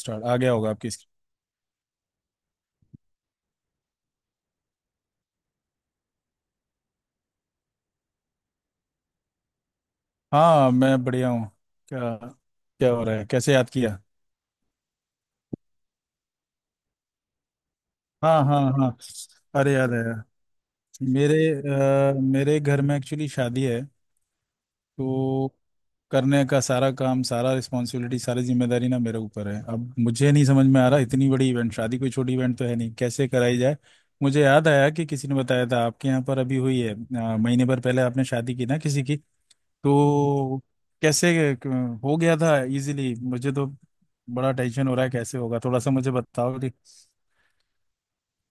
Start आ गया होगा आपकी स्क्रीन। हाँ मैं बढ़िया हूँ। क्या क्या हो रहा है, कैसे याद किया? हाँ हाँ हाँ, अरे याद है यार। मेरे घर में एक्चुअली शादी है। तो करने का सारा काम, सारा रिस्पॉन्सिबिलिटी, सारी जिम्मेदारी ना मेरे ऊपर है। अब मुझे नहीं समझ में आ रहा, इतनी बड़ी इवेंट, शादी कोई छोटी इवेंट तो है नहीं, कैसे कराई जाए। मुझे याद आया कि किसी ने बताया था आपके यहाँ पर अभी हुई है, महीने भर पहले आपने शादी की ना किसी की। तो हो गया था इजीली मुझे तो। बड़ा टेंशन हो रहा है कैसे होगा, थोड़ा सा मुझे बताओ कि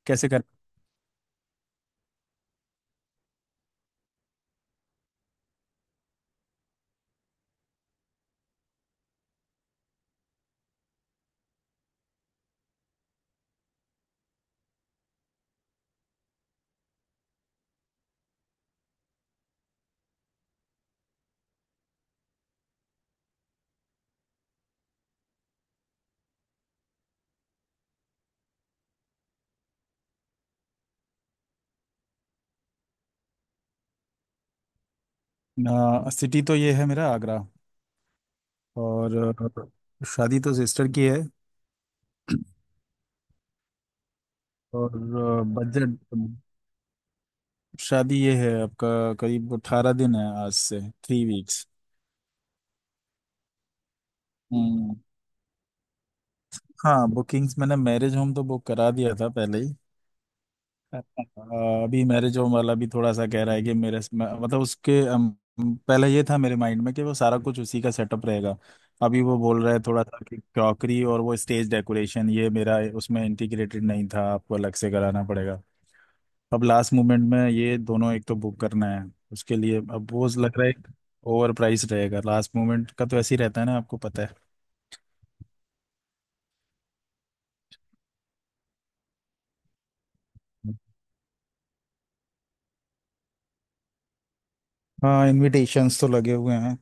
कैसे कर सिटी तो ये है मेरा, आगरा। और शादी तो सिस्टर की है। और बजट शादी ये है आपका, करीब 18 दिन है, आज से 3 वीक्स। हम्म। हाँ बुकिंग्स, मैंने मैरिज होम तो बुक करा दिया था पहले ही। अ, अभी मैरिज होम वाला भी थोड़ा सा कह रहा है कि मतलब उसके, पहले ये था मेरे माइंड में कि वो सारा कुछ उसी का सेटअप रहेगा। अभी वो बोल रहा है थोड़ा सा कि क्रॉकरी और वो स्टेज डेकोरेशन, ये मेरा उसमें इंटीग्रेटेड नहीं था, आपको अलग से कराना पड़ेगा। अब लास्ट मोमेंट में ये दोनों एक तो बुक करना है, उसके लिए अब वो लग रहा है ओवर प्राइस रहेगा। लास्ट मोमेंट का तो ऐसे ही रहता है ना, आपको पता है। हाँ इनविटेशंस तो लगे हुए हैं,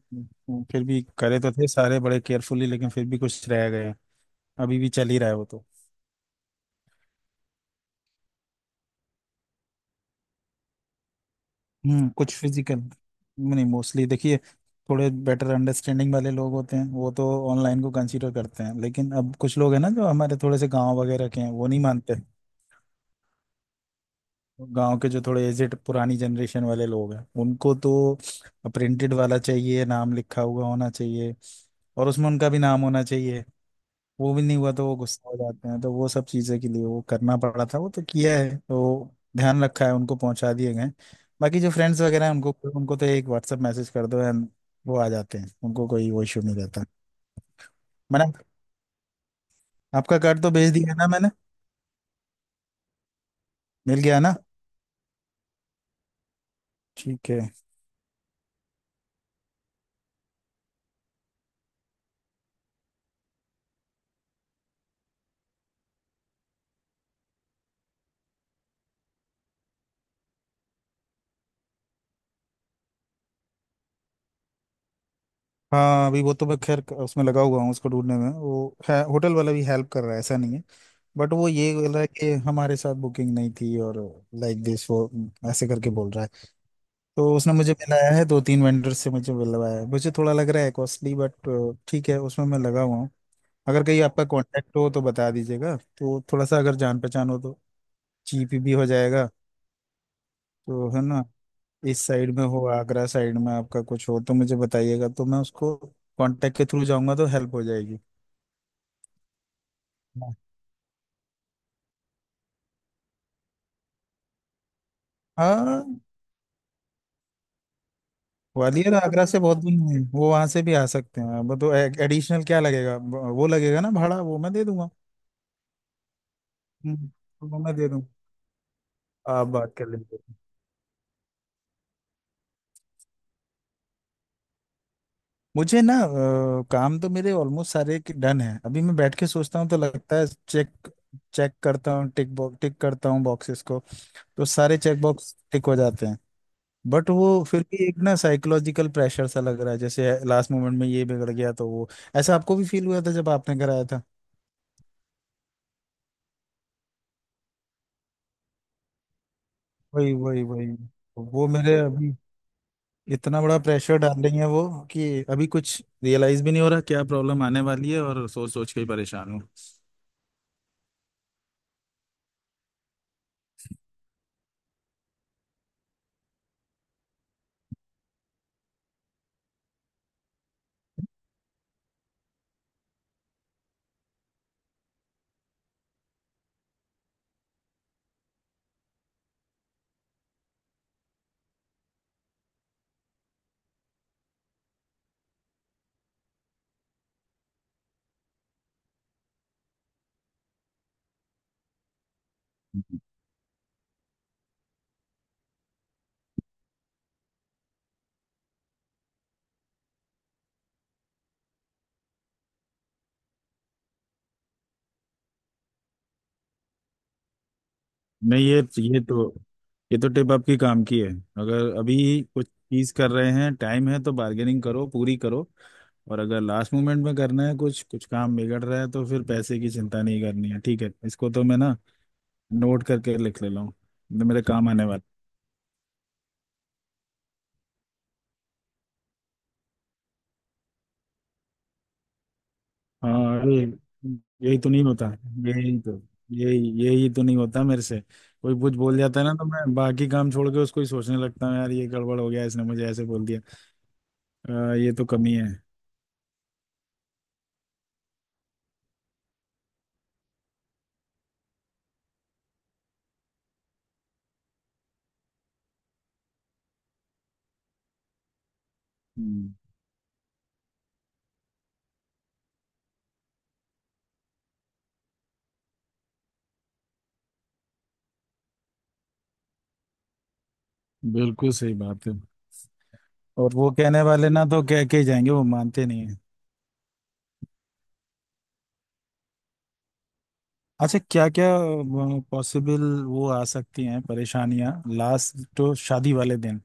फिर भी करे तो थे सारे बड़े केयरफुली, लेकिन फिर भी कुछ रह गए। अभी भी चल ही रहा है वो तो। कुछ फिजिकल, नहीं मोस्टली देखिए, थोड़े बेटर अंडरस्टैंडिंग वाले लोग होते हैं वो तो ऑनलाइन को कंसीडर करते हैं, लेकिन अब कुछ लोग हैं ना जो हमारे थोड़े से गांव वगैरह के हैं, वो नहीं मानते। गांव के जो थोड़े एजेड पुरानी जनरेशन वाले लोग हैं उनको तो प्रिंटेड वाला चाहिए, नाम लिखा हुआ होना चाहिए, और उसमें उनका भी नाम होना चाहिए, वो भी नहीं हुआ तो वो गुस्सा हो जाते हैं। तो वो सब चीज़ें के लिए वो करना पड़ा था, वो तो किया है, तो ध्यान रखा है, उनको पहुंचा दिए गए। बाकी जो फ्रेंड्स वगैरह हैं उनको, उनको तो एक व्हाट्सएप मैसेज कर दो एंड वो आ जाते हैं, उनको कोई वो इशू नहीं रहता। मैंने आपका कार्ड तो भेज दिया है ना मैंने। मिल गया है ना? ठीक है। हाँ अभी वो तो मैं खैर उसमें लगा हुआ हूँ, उसको ढूंढने में वो है, होटल वाला भी हेल्प कर रहा है, ऐसा नहीं है। बट वो ये बोल रहा है कि हमारे साथ बुकिंग नहीं थी, और लाइक दिस वो, ऐसे करके बोल रहा है। तो उसने मुझे मिलाया है दो तीन वेंडर से, मुझे मिलवाया है, मुझे थोड़ा लग रहा है कॉस्टली, बट ठीक है, उसमें मैं लगा हुआ हूँ। अगर कहीं आपका कांटेक्ट हो तो बता दीजिएगा, तो थोड़ा सा अगर जान पहचान हो तो चीप भी हो जाएगा, तो है ना। इस साइड में हो, आगरा साइड में आपका कुछ हो तो मुझे बताइएगा, तो मैं उसको कांटेक्ट के थ्रू जाऊंगा तो हेल्प हो जाएगी। हाँ, ग्वालियर आगरा से बहुत दूर नहीं है, वो वहां से भी आ सकते हैं अब तो। एडिशनल क्या लगेगा वो लगेगा ना, भाड़ा वो मैं दे दूंगा। हम्म, वो मैं दे दूंगा, आप बात कर लेंगे। मुझे ना काम तो मेरे ऑलमोस्ट सारे डन है, अभी मैं बैठ के सोचता हूँ तो लगता है चेक चेक करता हूँ, टिक बॉक्स टिक करता हूँ बॉक्सेस को, तो सारे चेक बॉक्स टिक हो जाते हैं। बट वो फिर भी एक ना साइकोलॉजिकल प्रेशर सा लग रहा है, जैसे लास्ट मोमेंट में ये बिगड़ गया तो वो। ऐसा आपको भी फील हुआ था जब आपने कराया था? वही वही वही। वो मेरे अभी इतना बड़ा प्रेशर डाल रही है वो, कि अभी कुछ रियलाइज भी नहीं हो रहा क्या प्रॉब्लम आने वाली है, और सोच सोच के ही परेशान हूँ। नहीं ये, ये तो ये तो टिप आपकी काम की है। अगर अभी कुछ चीज कर रहे हैं, टाइम है, तो बार्गेनिंग करो पूरी करो। और अगर लास्ट मोमेंट में करना है, कुछ कुछ काम बिगड़ रहा है, तो फिर पैसे की चिंता नहीं करनी है, ठीक है, इसको तो मैं ना नोट करके लिख ले रहा हूँ, तो मेरे काम आने वाला। हाँ अरे, यही तो नहीं होता। यही तो यही तो नहीं होता मेरे से। कोई कुछ बोल जाता है ना, तो मैं बाकी काम छोड़ के उसको ही सोचने लगता हूँ, यार ये गड़बड़ हो गया, इसने मुझे ऐसे बोल दिया। ये तो कमी है। हम्म। बिल्कुल सही बात है। और वो कहने वाले ना तो कह के ही जाएंगे, वो मानते नहीं है। अच्छा, क्या क्या पॉसिबल वो आ सकती हैं परेशानियां? लास्ट तो शादी वाले दिन,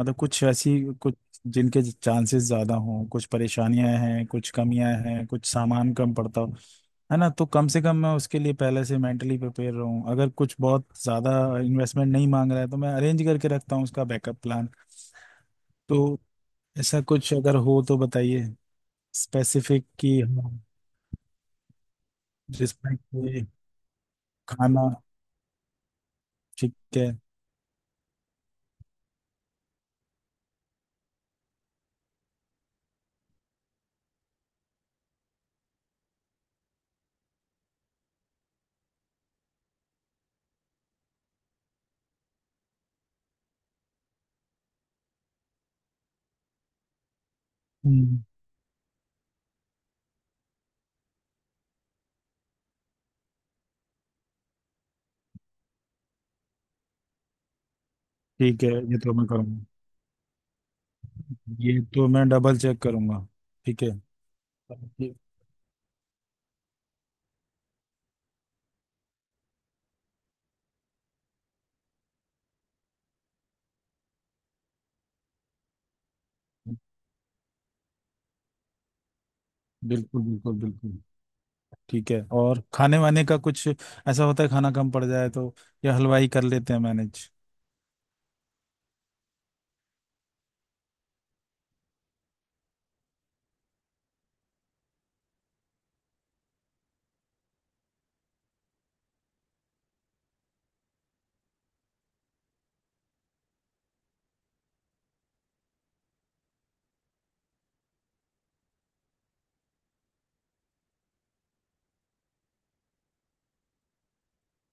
मतलब कुछ ऐसी, कुछ जिनके चांसेस ज्यादा हों, कुछ परेशानियां हैं, कुछ कमियां हैं, कुछ सामान कम पड़ता हो, है ना। तो कम से कम मैं उसके लिए पहले से मेंटली प्रिपेयर रहूं, अगर कुछ बहुत ज्यादा इन्वेस्टमेंट नहीं मांग रहा है तो मैं अरेंज करके रखता हूँ उसका बैकअप प्लान। तो ऐसा कुछ अगर हो तो बताइए स्पेसिफिक, कि हाँ जिसमें कि खाना। ठीक है। हम्म, ठीक है ये तो मैं करूँगा, ये तो मैं डबल चेक करूँगा। ठीक है। ठीक, बिल्कुल बिल्कुल बिल्कुल। ठीक है, और खाने वाने का कुछ ऐसा होता है खाना कम पड़ जाए तो, या हलवाई कर लेते हैं मैनेज?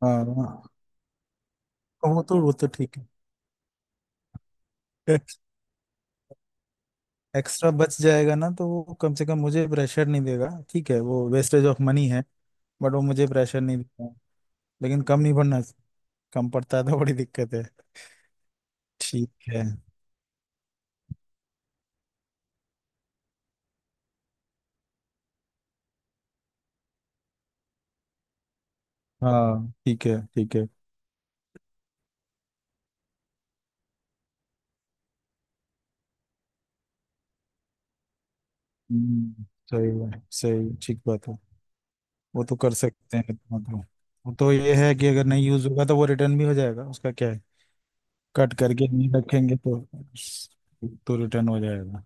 हाँ हाँ, वो तो ठीक है। एक्स्ट्रा बच जाएगा ना तो वो कम से कम मुझे प्रेशर नहीं देगा, ठीक है वो वेस्टेज ऑफ मनी है, बट वो मुझे प्रेशर नहीं देगा। लेकिन कम नहीं पड़ना, कम पड़ता है तो बड़ी दिक्कत है। ठीक है। हाँ ठीक है ठीक है। हम्म, सही है, सही ठीक बात है। वो तो कर सकते हैं मतलब, वो तो ये है कि अगर नहीं यूज होगा तो वो रिटर्न भी हो जाएगा, उसका क्या है, कट करके नहीं रखेंगे तो रिटर्न हो जाएगा।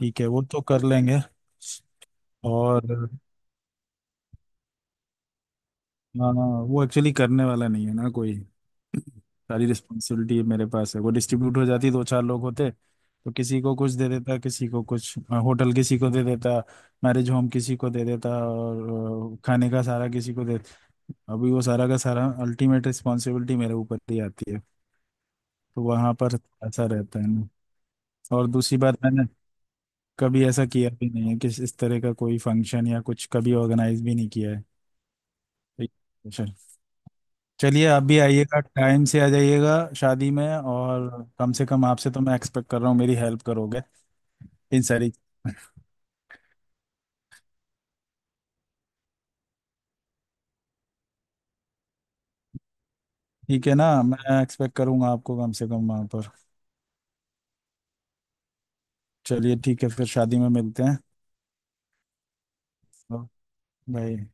ठीक है, वो तो कर लेंगे। और हाँ, वो एक्चुअली करने वाला नहीं है ना कोई, सारी रिस्पॉन्सिबिलिटी मेरे पास है, वो डिस्ट्रीब्यूट हो जाती दो चार लोग होते तो किसी को कुछ दे देता, किसी को कुछ, होटल किसी को दे देता, मैरिज होम किसी को दे देता, और खाने का सारा किसी को दे। अभी वो सारा का सारा अल्टीमेट रिस्पॉन्सिबिलिटी मेरे ऊपर ही आती है, तो वहाँ पर ऐसा रहता है ना। और दूसरी बात, मैंने कभी ऐसा किया भी नहीं है, कि इस तरह का कोई फंक्शन या कुछ कभी ऑर्गेनाइज भी नहीं किया है। चलिए आप भी आइएगा, टाइम से आ जाइएगा शादी में, और कम से कम आपसे तो मैं एक्सपेक्ट कर रहा हूँ मेरी हेल्प करोगे इन सारी। ठीक है ना, मैं एक्सपेक्ट करूँगा आपको कम से कम वहाँ पर। चलिए ठीक है, फिर शादी में मिलते हैं भाई।